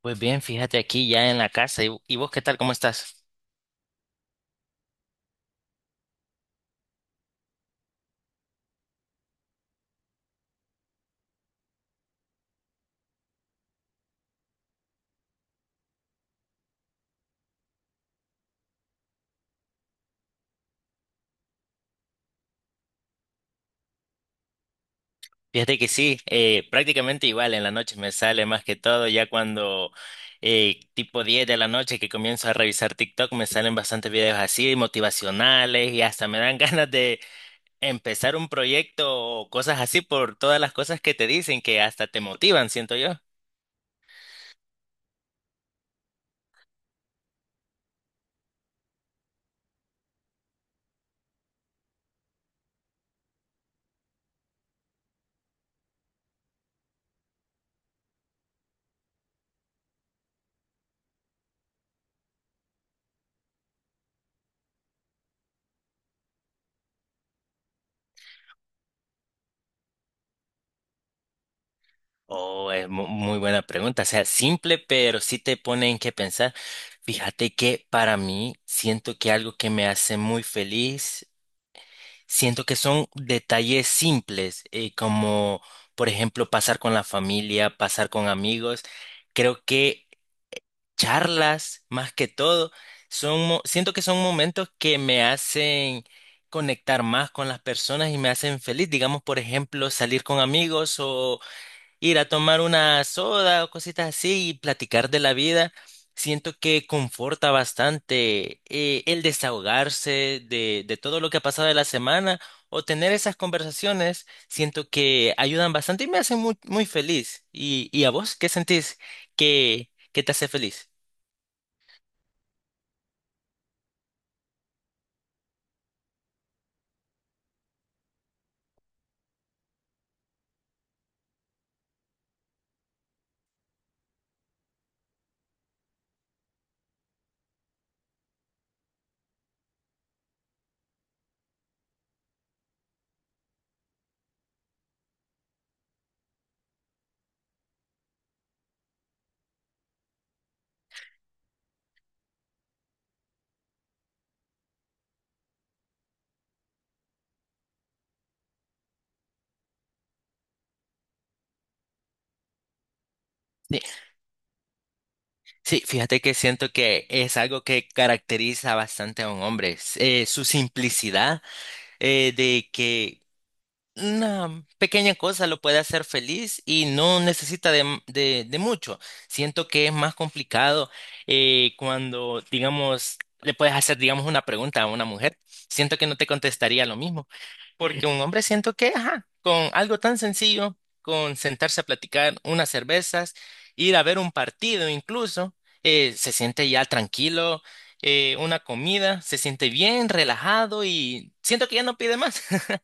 Pues bien, fíjate aquí ya en la casa. ¿Y vos, ¿qué tal? ¿Cómo estás? Fíjate que sí, prácticamente igual en la noche me sale más que todo, ya cuando tipo 10 de la noche que comienzo a revisar TikTok me salen bastantes videos así, motivacionales y hasta me dan ganas de empezar un proyecto o cosas así por todas las cosas que te dicen que hasta te motivan, siento yo. Oh, es muy buena pregunta. O sea, simple, pero sí te pone en qué pensar. Fíjate que para mí siento que algo que me hace muy feliz, siento que son detalles simples, como por ejemplo pasar con la familia, pasar con amigos. Creo que charlas, más que todo, siento que son momentos que me hacen conectar más con las personas y me hacen feliz. Digamos, por ejemplo, salir con amigos, ir a tomar una soda o cositas así y platicar de la vida. Siento que conforta bastante, el desahogarse de todo lo que ha pasado de la semana o tener esas conversaciones. Siento que ayudan bastante y me hacen muy, muy feliz. Y a vos, ¿qué sentís que te hace feliz? Sí, sí, fíjate que siento que es algo que caracteriza bastante a un hombre, es, su simplicidad, de que una pequeña cosa lo puede hacer feliz y no necesita de mucho. Siento que es más complicado cuando, digamos, le puedes hacer, digamos, una pregunta a una mujer. Siento que no te contestaría lo mismo, porque un hombre siento que, ajá, con algo tan sencillo, con sentarse a platicar unas cervezas, ir a ver un partido incluso, se siente ya tranquilo, una comida, se siente bien, relajado, y siento que ya no pide más.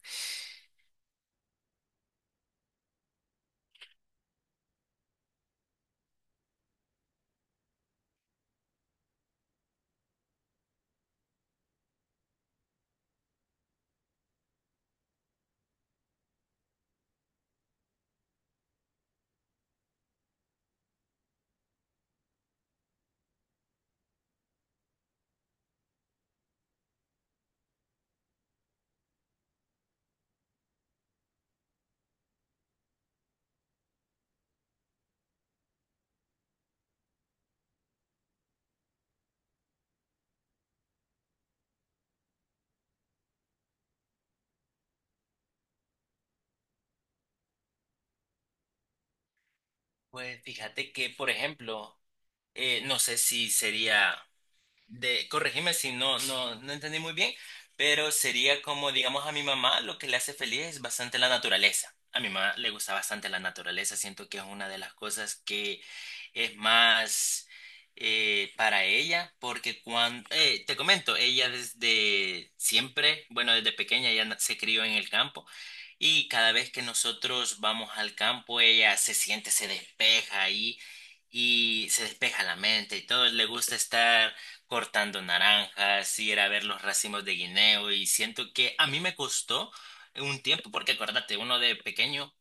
Pues fíjate que, por ejemplo, no sé si sería corregime si no, no entendí muy bien, pero sería como, digamos, a mi mamá lo que le hace feliz es bastante la naturaleza. A mi mamá le gusta bastante la naturaleza, siento que es una de las cosas que es más para ella, porque cuando, te comento, ella desde siempre, bueno, desde pequeña se crió en el campo. Y cada vez que nosotros vamos al campo, ella se siente, se despeja ahí y se despeja la mente y todo. Le gusta estar cortando naranjas, ir a ver los racimos de guineo, y siento que a mí me costó un tiempo, porque acuérdate, uno de pequeño,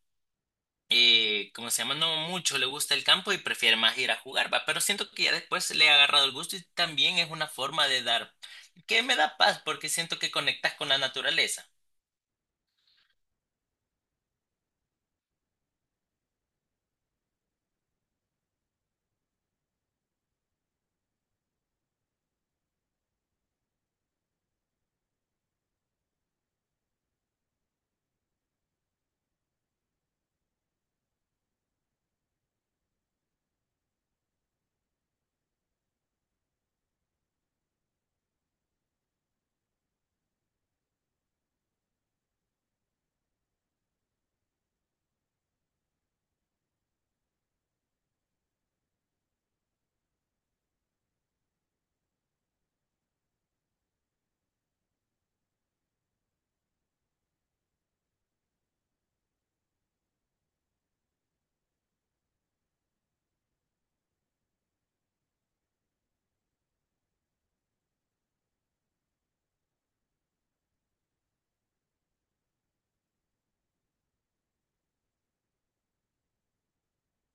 como se llama, no mucho le gusta el campo y prefiere más ir a jugar, va, pero siento que ya después le he agarrado el gusto y también es una forma de dar, que me da paz porque siento que conectas con la naturaleza.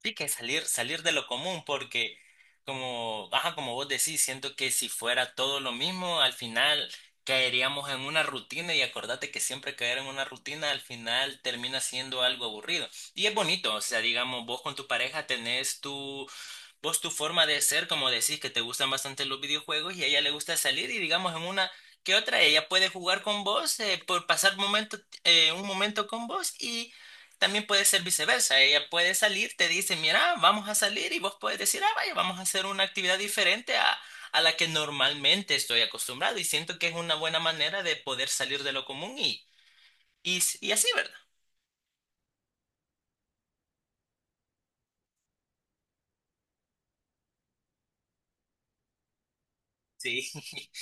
Sí, que salir, salir de lo común, porque como, ajá, como vos decís, siento que si fuera todo lo mismo, al final caeríamos en una rutina y acordate que siempre caer en una rutina al final termina siendo algo aburrido. Y es bonito, o sea, digamos, vos con tu pareja tenés tu... Vos tu forma de ser, como decís, que te gustan bastante los videojuegos y a ella le gusta salir, y digamos en una que otra, ella puede jugar con vos, por pasar momento, un momento con vos, y también puede ser viceversa. Ella puede salir, te dice, mira, vamos a salir, y vos puedes decir, ah, vaya, vamos a hacer una actividad diferente a la que normalmente estoy acostumbrado, y siento que es una buena manera de poder salir de lo común y así, ¿verdad? Sí.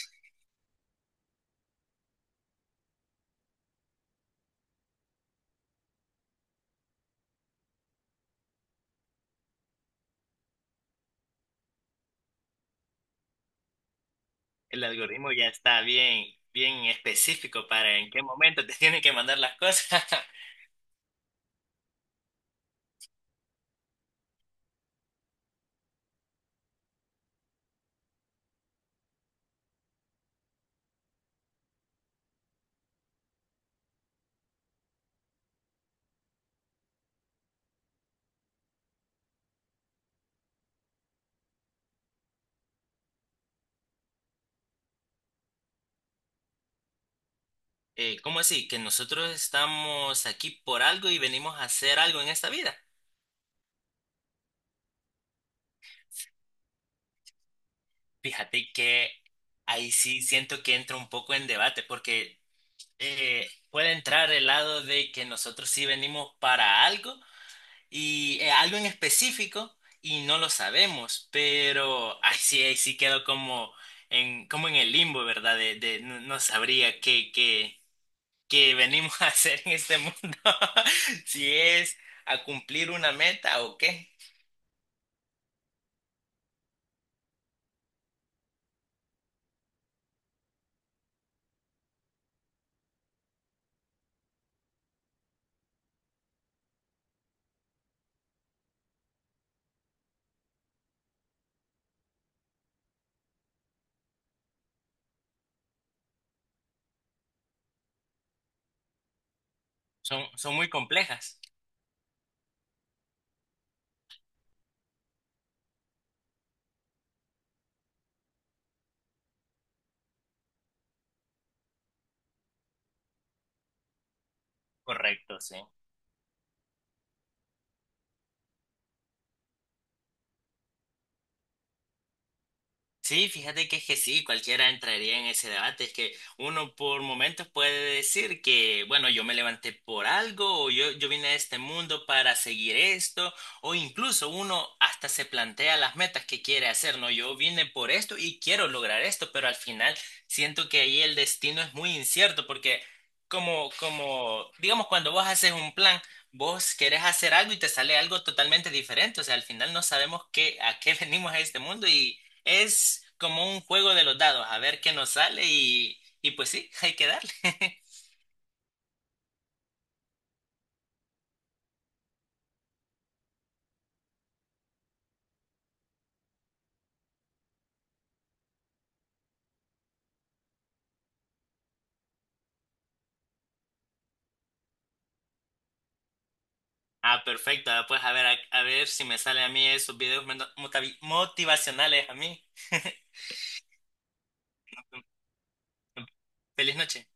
El algoritmo ya está bien, bien específico para en qué momento te tienen que mandar las cosas. ¿Cómo así? ¿Que nosotros estamos aquí por algo y venimos a hacer algo en esta vida? Fíjate que ahí sí siento que entra un poco en debate, porque puede entrar el lado de que nosotros sí venimos para algo y algo en específico y no lo sabemos, pero ahí sí quedo como en, como en el limbo, ¿verdad? De no, no sabría qué, qué que venimos a hacer en este mundo, si es a cumplir una meta o qué. Son, son muy complejas. Correcto, sí. Sí, fíjate que es que sí, cualquiera entraría en ese debate. Es que uno por momentos puede decir que, bueno, yo me levanté por algo, yo vine a este mundo para seguir esto, o incluso uno hasta se plantea las metas que quiere hacer, ¿no? Yo vine por esto y quiero lograr esto, pero al final siento que ahí el destino es muy incierto, porque como, digamos, cuando vos haces un plan, vos querés hacer algo y te sale algo totalmente diferente. O sea, al final no sabemos qué, a qué venimos a este mundo, y es como un juego de los dados, a ver qué nos sale y pues sí, hay que darle. Ah, perfecto. Ah, pues a ver, a ver si me sale a mí esos videos motivacionales a mí. Feliz noche.